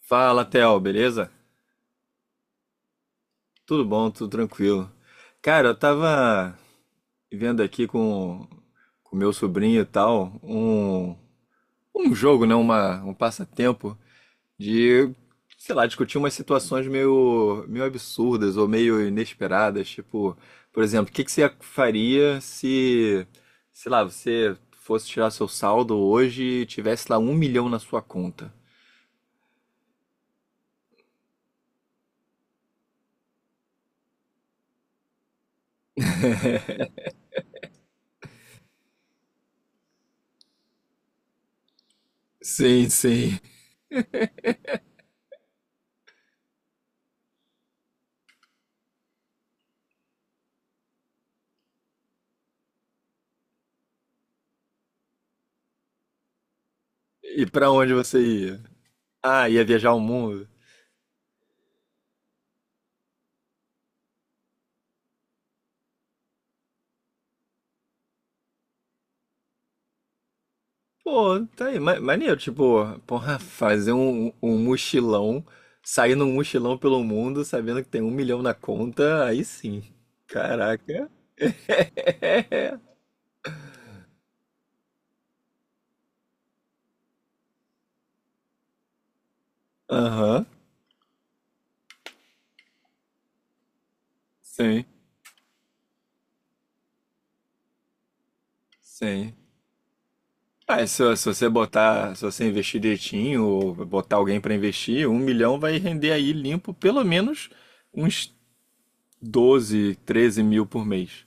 Fala, Theo, beleza? Tudo bom, tudo tranquilo. Cara, eu tava vendo aqui com o meu sobrinho e tal, um jogo, né? Um passatempo de, sei lá, discutir umas situações meio absurdas ou meio inesperadas. Tipo, por exemplo, o que que você faria se, sei lá, você fosse tirar seu saldo hoje e tivesse lá 1.000.000 na sua conta? Sim, sim. E pra onde você ia? Ah, ia viajar o mundo? Pô, tá aí, maneiro, tipo, porra, fazer um mochilão, sair num mochilão pelo mundo sabendo que tem 1.000.000 na conta, aí sim. Caraca. Aham, sim, sim. Ah, se você botar, se você investir direitinho, ou botar alguém pra investir, 1.000.000 vai render aí limpo pelo menos uns 12, 13 mil por mês.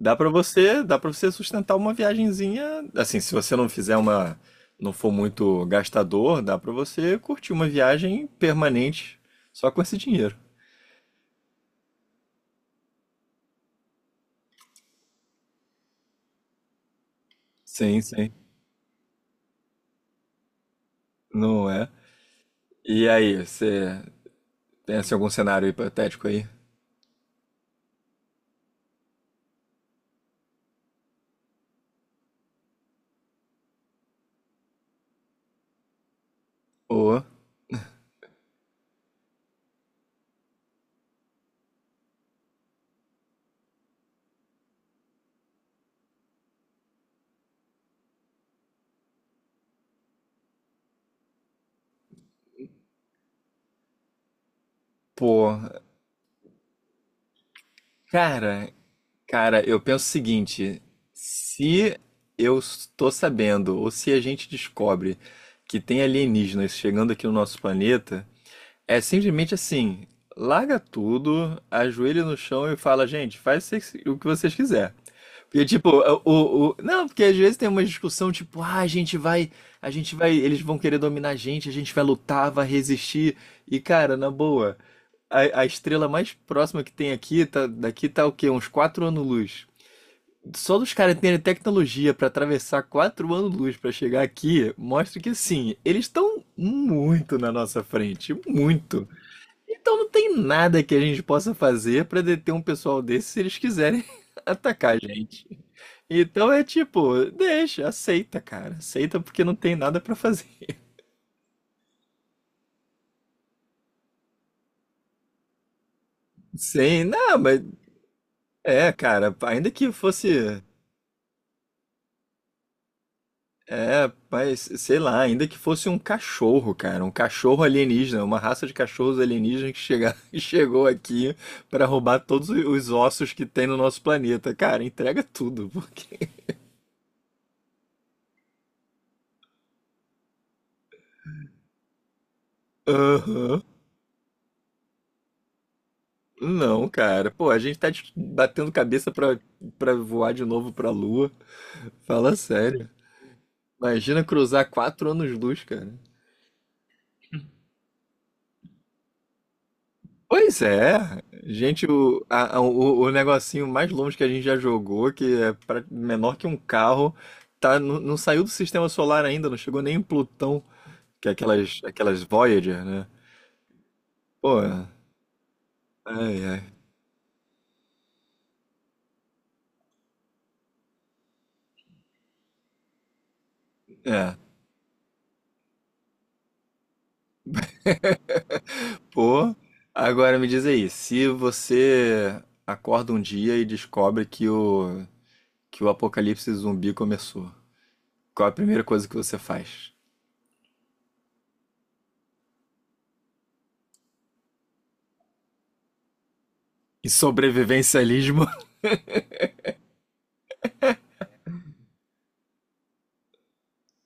Dá para você sustentar uma viagenzinha, assim, se você não fizer uma, não for muito gastador, dá pra você curtir uma viagem permanente só com esse dinheiro. Sim, sim. Não é? E aí, você tem assim, algum cenário hipotético aí? Ô, pô, cara, cara, eu penso o seguinte, se eu estou sabendo, ou se a gente descobre que tem alienígenas chegando aqui no nosso planeta, é simplesmente assim, larga tudo, ajoelha no chão e fala, gente, o que vocês quiser. Porque, tipo, não, porque às vezes tem uma discussão, tipo, ah, a gente vai, eles vão querer dominar a gente vai lutar, vai resistir. E, cara, na boa, a estrela mais próxima que tem aqui, tá, daqui tá o quê? Uns 4 anos-luz. Só dos caras terem tecnologia pra atravessar 4 anos-luz pra chegar aqui, mostra que, assim, eles estão muito na nossa frente, muito. Então não tem nada que a gente possa fazer pra deter um pessoal desse se eles quiserem atacar a gente. Então é tipo, deixa, aceita, cara. Aceita porque não tem nada pra fazer. Sim, não, mas é, cara, ainda que fosse, é, mas sei lá, ainda que fosse um cachorro, cara, um cachorro alienígena, uma raça de cachorros alienígenas que chega, chegou aqui pra roubar todos os ossos que tem no nosso planeta. Cara, entrega tudo, porque aham. Não, cara. Pô, a gente batendo cabeça pra voar de novo pra Lua. Fala sério. Imagina cruzar 4 anos-luz, cara. Pois é. Gente, o negocinho mais longe que a gente já jogou, que é menor que um carro, tá, não saiu do sistema solar ainda, não chegou nem em Plutão, que é aquelas Voyager, né? Pô, ai, ai. É. Pô, agora me diz aí, se você acorda um dia e descobre que o apocalipse zumbi começou, qual é a primeira coisa que você faz? E sobrevivencialismo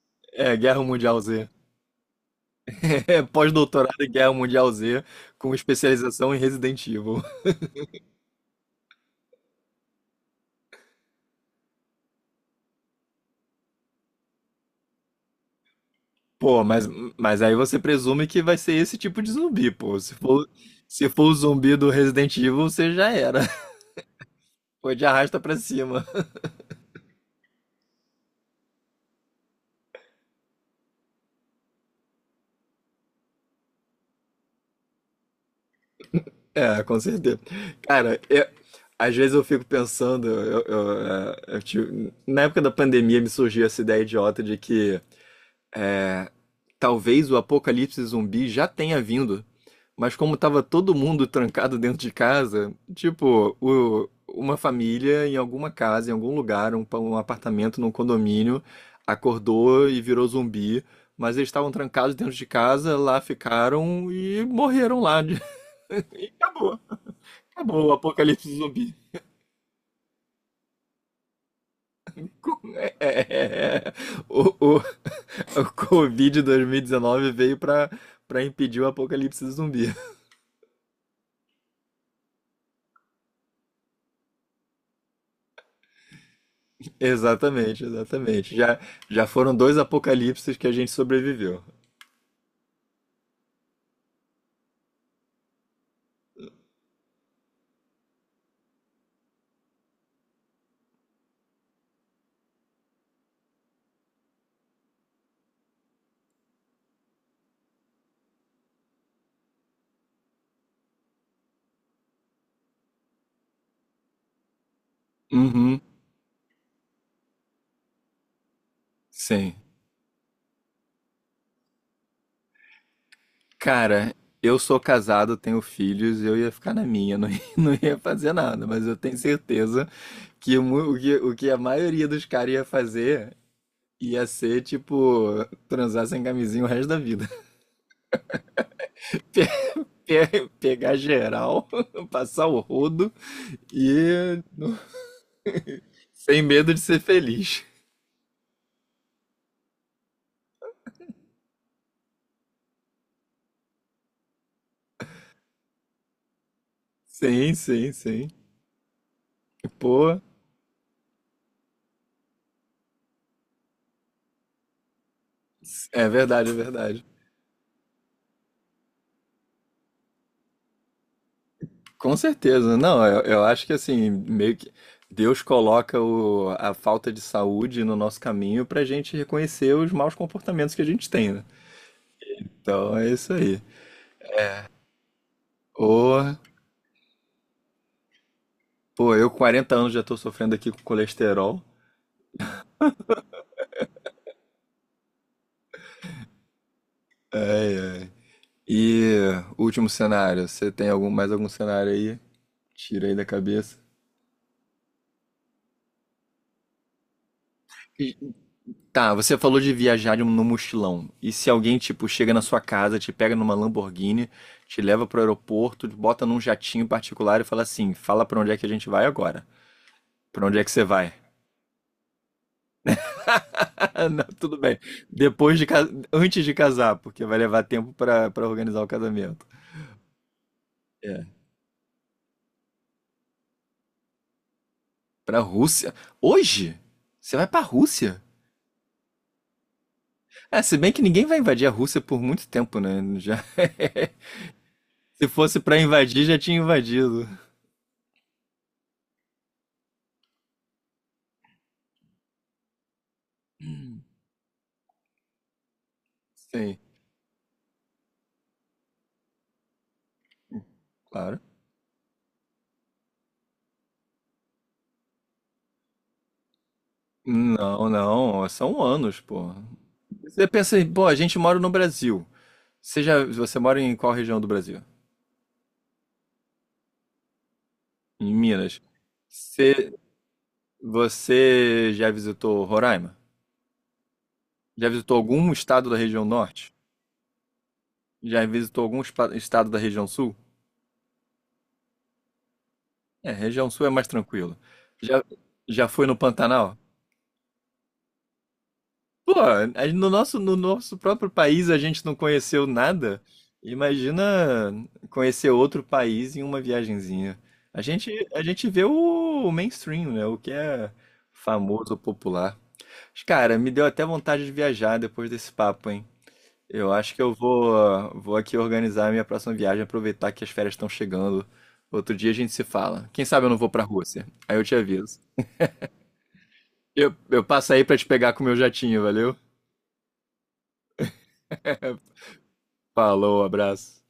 é Guerra Mundial Z. É pós-doutorado em Guerra Mundial Z com especialização em Resident Evil. Pô, mas aí você presume que vai ser esse tipo de zumbi, pô. Se for, se for o zumbi do Resident Evil, você já era. Foi de arrasta pra cima. É, com certeza. Cara, eu- às vezes eu fico pensando, eu, é, eu tive- na época da pandemia me surgiu essa ideia idiota de que talvez o apocalipse zumbi já tenha vindo, mas como tava todo mundo trancado dentro de casa, tipo, uma família em alguma casa, em algum lugar, um apartamento, num condomínio, acordou e virou zumbi, mas eles estavam trancados dentro de casa, lá ficaram e morreram lá. E acabou. Acabou o apocalipse zumbi. É, é, é. é. O, o, o Covid 2019 veio pra para impedir o apocalipse zumbi. Exatamente, exatamente. Já, já foram dois apocalipses que a gente sobreviveu. Uhum. Sim. Cara, eu sou casado, tenho filhos, eu ia ficar na minha, não ia, não ia fazer nada, mas eu tenho certeza que o que o que a maioria dos caras ia fazer ia ser, tipo, transar sem camisinha o resto da vida. Pe- Pegar geral, passar o rodo e não- sem medo de ser feliz. Sim, sim, sim. Pô, é verdade, é verdade. Com certeza. Não, eu acho que assim, meio que Deus coloca a falta de saúde no nosso caminho pra gente reconhecer os maus comportamentos que a gente tem, né? Então é isso aí. Ô, pô, eu com 40 anos já tô sofrendo aqui com colesterol. É, e último cenário, você tem algum, mais algum cenário aí? Tira aí da cabeça. Tá, você falou de viajar de um- no mochilão. E se alguém, tipo, chega na sua casa, te pega numa Lamborghini, te leva pro aeroporto, te bota num jatinho particular e fala assim: fala pra onde é que a gente vai agora? Pra onde é que você vai? Não, tudo bem. Depois de, ca- antes de casar, porque vai levar tempo pra para organizar o casamento. É. Pra Rússia? Hoje? Você vai pra Rússia? É, se bem que ninguém vai invadir a Rússia por muito tempo, né? Já... Se fosse pra invadir, já tinha invadido. Sim, claro. Não, não, são anos, pô. Você pensa, em, pô, a gente mora no Brasil. Você já, você mora em qual região do Brasil? Em Minas. Você, você já visitou Roraima? Já visitou algum estado da região norte? Já visitou algum estado da região sul? É, região sul é mais tranquilo. Já, já foi no Pantanal? Pô, aí no nosso, no nosso próprio país a gente não conheceu nada. Imagina conhecer outro país em uma viagenzinha. A gente vê o mainstream, né? O que é famoso, popular. Mas, cara, me deu até vontade de viajar depois desse papo, hein? Eu acho que vou aqui organizar a minha próxima viagem, aproveitar que as férias estão chegando. Outro dia a gente se fala. Quem sabe eu não vou pra Rússia. Aí eu te aviso. Eu passo aí pra te pegar com o meu jatinho, valeu? Falou, abraço.